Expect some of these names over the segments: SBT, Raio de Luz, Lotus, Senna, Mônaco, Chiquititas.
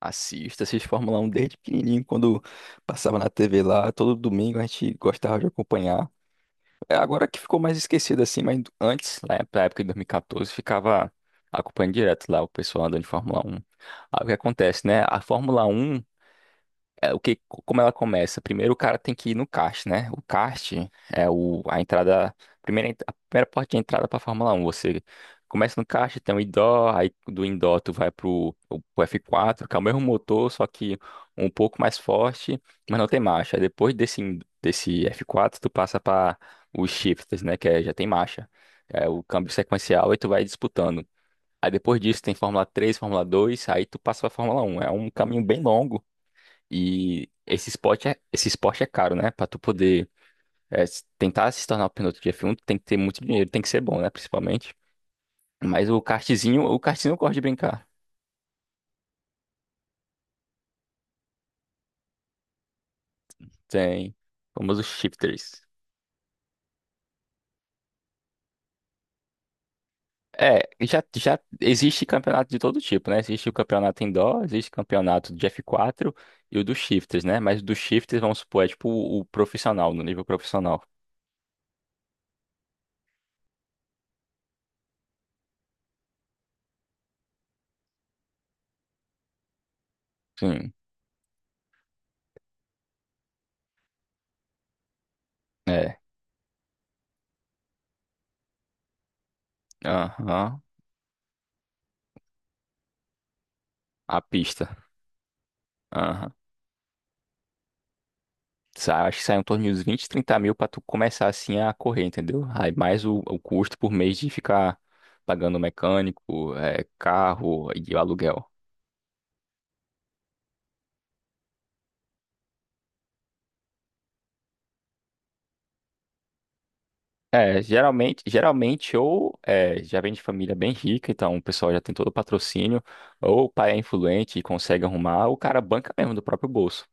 Assisto, assisto Fórmula 1 desde pequenininho, quando passava na TV lá, todo domingo a gente gostava de acompanhar. É agora que ficou mais esquecido assim, mas antes, lá pra época de 2014, ficava acompanhando direto lá o pessoal andando de Fórmula 1. Aí o que acontece, né? A Fórmula 1 é, o que, como ela começa? Primeiro o cara tem que ir no kart, né? O kart é o, a entrada, a primeira porta de entrada para Fórmula 1. Você começa no kart, tem um indoor, aí do indoor tu vai pro F4, que é o mesmo motor, só que um pouco mais forte, mas não tem marcha. Aí depois desse F4 tu passa para os shifters, né? Que é, já tem marcha. É o câmbio sequencial e tu vai disputando. Aí depois disso tem Fórmula 3, Fórmula 2, aí tu passa pra Fórmula 1. É um caminho bem longo, e esse esporte é caro, né? Pra tu poder tentar se tornar o piloto de F1, tu tem que ter muito dinheiro, tem que ser bom, né? Principalmente. Mas o kartzinho eu gosto de brincar. Tem o famoso shifters. É, já existe campeonato de todo tipo, né? Existe o campeonato indoor, existe campeonato de F4 e o dos shifters, né? Mas o do shifters, vamos supor, é tipo o profissional, no nível profissional. Sim, é. Aham. A pista. Aham. Acho que sai em torno de uns 20, 30 mil pra tu começar assim a correr, entendeu? Aí mais o custo por mês de ficar pagando mecânico, carro e aluguel. É, geralmente ou é, já vem de família bem rica, então o pessoal já tem todo o patrocínio, ou o pai é influente e consegue arrumar, ou o cara banca mesmo do próprio bolso.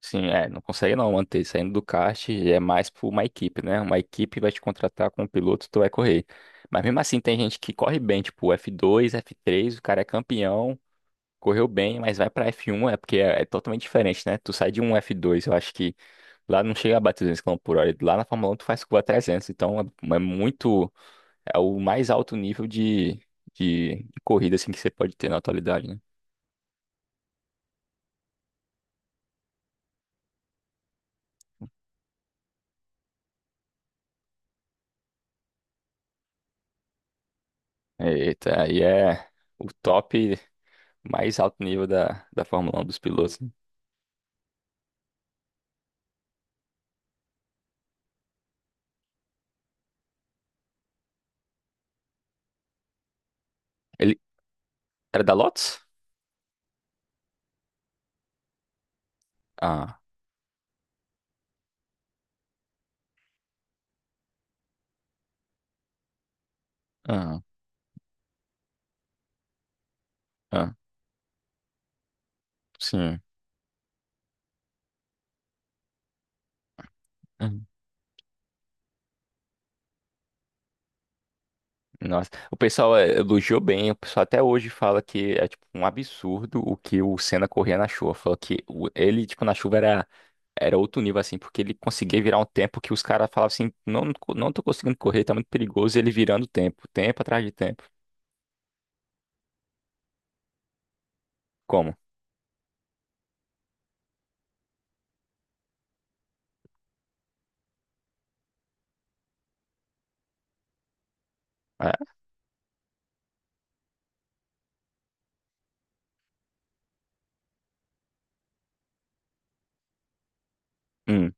Sim, é, não consegue não manter. Saindo do kart é mais por uma equipe, né? Uma equipe vai te contratar com um piloto, tu vai correr. Mas mesmo assim, tem gente que corre bem, tipo F2, F3, o cara é campeão, correu bem, mas vai pra F1, é porque é, é totalmente diferente, né? Tu sai de um F2, eu acho que lá não chega a bater 200 km por hora. E lá na Fórmula 1 tu faz curva 300, então é, é muito. É o mais alto nível de, de corrida, assim, que você pode ter na atualidade, né? Eita, aí é o top. Mais alto nível da Fórmula 1 dos pilotos, né? Ele era da Lotus? Ah, ah, ah, sim. Uhum. Nossa, o pessoal elogiou bem, o pessoal até hoje fala que é tipo um absurdo o que o Senna corria na chuva. Falou que ele, tipo, na chuva era, era outro nível, assim, porque ele conseguia virar um tempo que os caras falavam assim, não, não tô conseguindo correr, tá muito perigoso, e ele virando tempo, tempo atrás de tempo. Como? É, hum,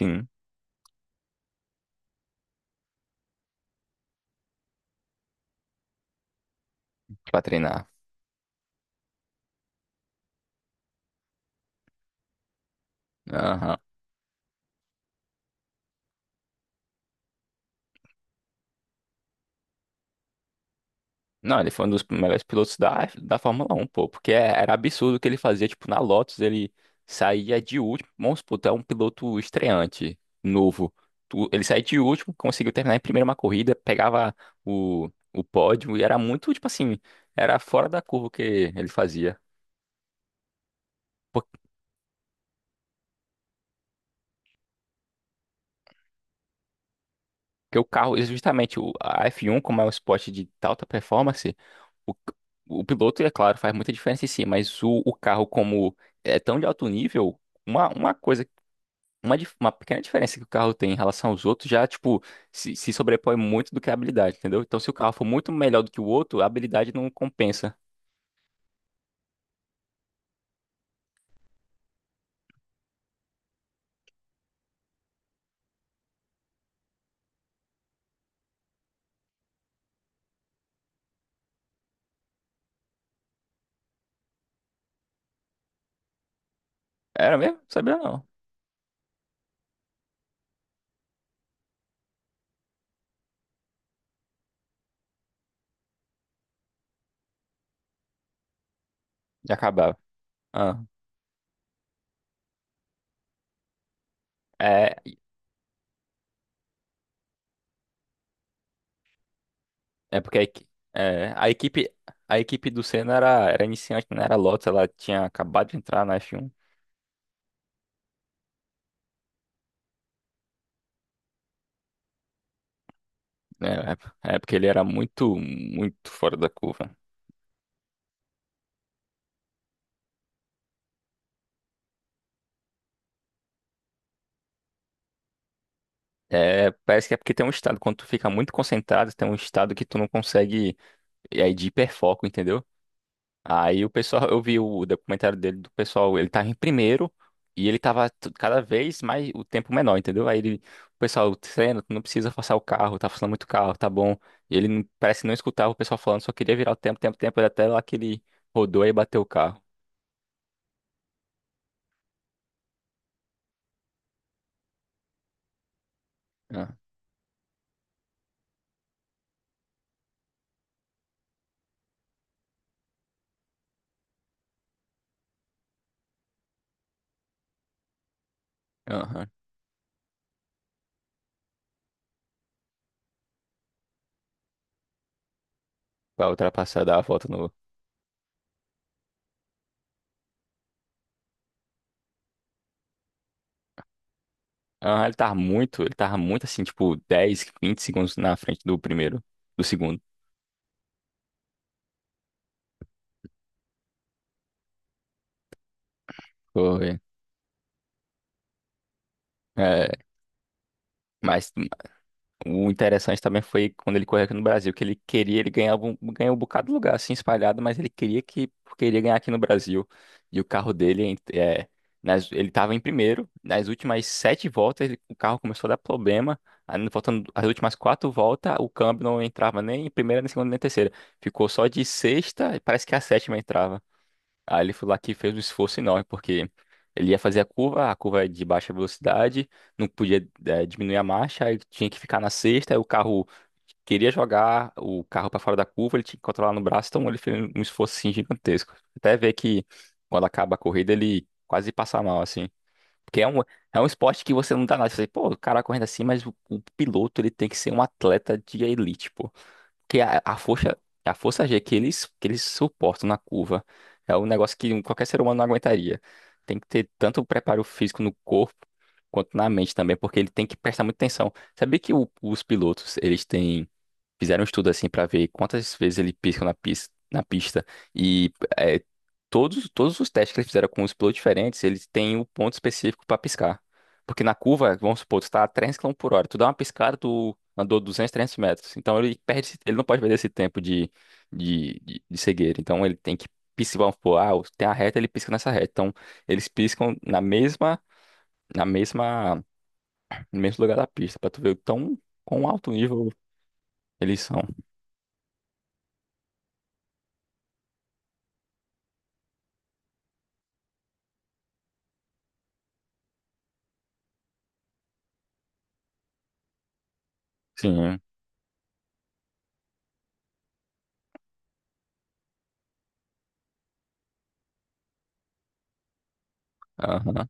sim, pra treinar. Não, ele foi um dos melhores pilotos da, da Fórmula 1, pô, porque era absurdo o que ele fazia, tipo, na Lotus ele saía de último. Vamos supor, tu é um piloto estreante, novo, ele saía de último, conseguiu terminar em primeira uma corrida, pegava o pódio, e era muito, tipo assim, era fora da curva o que ele fazia. Porque o carro, e justamente a F1, como é um esporte de alta performance, o, o piloto, é claro, faz muita diferença em si, mas o carro, como é tão de alto nível, uma, uma coisa uma pequena diferença que o carro tem em relação aos outros já, tipo, se sobrepõe muito do que a habilidade, entendeu? Então, se o carro for muito melhor do que o outro, a habilidade não compensa. Era mesmo? Sabia não. Já acabava. Ah, é, é porque é, a equipe do Senna era, era iniciante, não era Lotus, ela tinha acabado de entrar na F1. Né? É porque ele era muito, muito fora da curva. É, parece que é porque tem um estado, quando tu fica muito concentrado, tem um estado que tu não consegue, é de hiperfoco, entendeu? Aí o pessoal, eu vi o documentário dele do pessoal, ele tava em primeiro, e ele tava cada vez mais o tempo menor, entendeu? Aí ele, o pessoal, treina, tu não precisa forçar o carro, tá forçando muito o carro, tá bom. E ele parece que não escutava o pessoal falando, só queria virar o tempo, tempo, tempo, até lá que ele rodou e bateu o carro. Ah, aham. Pra ultrapassar, dar a volta no. Aham, ele tava muito assim, tipo, 10 20 segundos na frente do primeiro, do segundo. Foi. É, mas o interessante também foi quando ele correu aqui no Brasil, que ele queria, ele ganhava um, ganhou um bocado de lugar assim espalhado, mas ele queria que queria ganhar aqui no Brasil. E o carro dele ele estava em primeiro, nas últimas 7 voltas o carro começou a dar problema. Aí, faltando as últimas 4 voltas, o câmbio não entrava nem em primeira, nem em segunda, nem em terceira. Ficou só de sexta, e parece que a sétima entrava. Aí ele foi lá, que fez um esforço enorme, porque ele ia fazer a curva é de baixa velocidade, não podia diminuir a marcha, aí tinha que ficar na sexta, aí o carro queria jogar o carro para fora da curva, ele tinha que controlar no braço, então ele fez um esforço assim, gigantesco. Até ver que, quando acaba a corrida, ele quase passa mal, assim. Porque é um esporte que você não dá nada. Você, pô, o cara correndo assim, mas o piloto ele tem que ser um atleta de elite, que a, a força G que eles suportam na curva é um negócio que qualquer ser humano não aguentaria. Tem que ter tanto preparo físico no corpo quanto na mente também, porque ele tem que prestar muita atenção. Sabia que os pilotos, eles têm. Fizeram um estudo assim para ver quantas vezes ele pisca na pista e é, todos os testes que eles fizeram com os pilotos diferentes, eles têm um ponto específico para piscar. Porque na curva, vamos supor, tu tá a 300 km por hora, tu dá uma piscada, tu andou 200, 300 metros. Então ele perde, ele não pode perder esse tempo de, de cegueira. Então ele tem que piscar. Vamos supor, tem a reta, ele pisca nessa reta. Então eles piscam na mesma, no mesmo lugar da pista, para tu ver o quão alto nível eles são. Sim. Aham.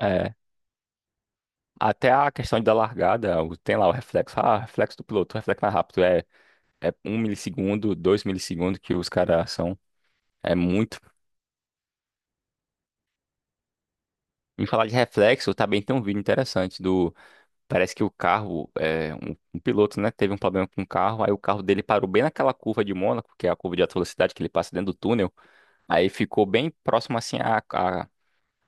É, até a questão da largada, tem lá o reflexo, reflexo do piloto, reflexo mais rápido, é um milissegundo, dois milissegundos que os caras são, é muito. Em falar de reflexo, também tem um vídeo interessante do, parece que o carro, um piloto, né, teve um problema com o carro, aí o carro dele parou bem naquela curva de Mônaco, que é a curva de alta velocidade que ele passa dentro do túnel, aí ficou bem próximo, assim, a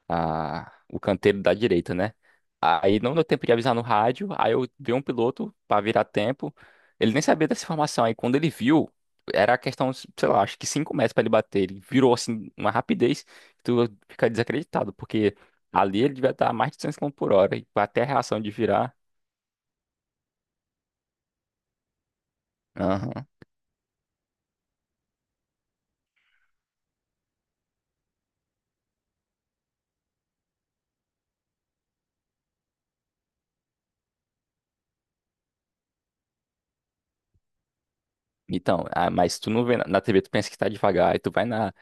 a, o canteiro da direita, né? Aí não deu tempo de avisar no rádio, aí eu vi um piloto para virar tempo. Ele nem sabia dessa informação, aí quando ele viu, era a questão, sei lá, acho que 5 metros para ele bater. Ele virou assim, uma rapidez, que tu fica desacreditado, porque ali ele devia estar a mais de 200 km por hora, e até a reação de virar. Aham. Então, mas tu não vê na, na TV, tu pensa que tá devagar, e tu vai na,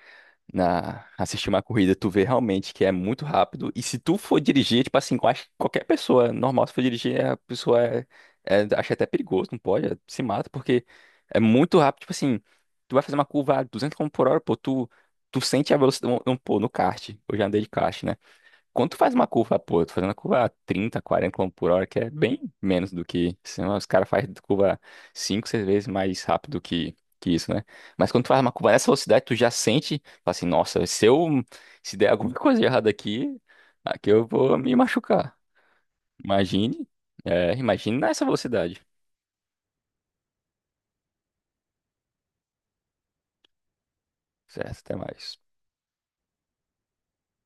na assistir uma corrida, tu vê realmente que é muito rápido. E se tu for dirigir, tipo assim, eu acho que qualquer pessoa é normal, se for dirigir, a pessoa é, acha até perigoso, não pode, se mata, porque é muito rápido. Tipo assim, tu vai fazer uma curva a 200 km por hora, pô, tu sente a velocidade. Pô, no kart, eu já andei de kart, né? Quando tu faz uma curva, pô, tu fazendo a curva a 30, 40 km por hora, que é bem menos do que. Senão os caras fazem curva 5, 6 vezes mais rápido que isso, né? Mas quando tu faz uma curva nessa velocidade, tu já sente, fala assim, nossa, se eu. Se der alguma coisa errada aqui, aqui eu vou me machucar. Imagine. É, imagine nessa velocidade. Certo, até mais.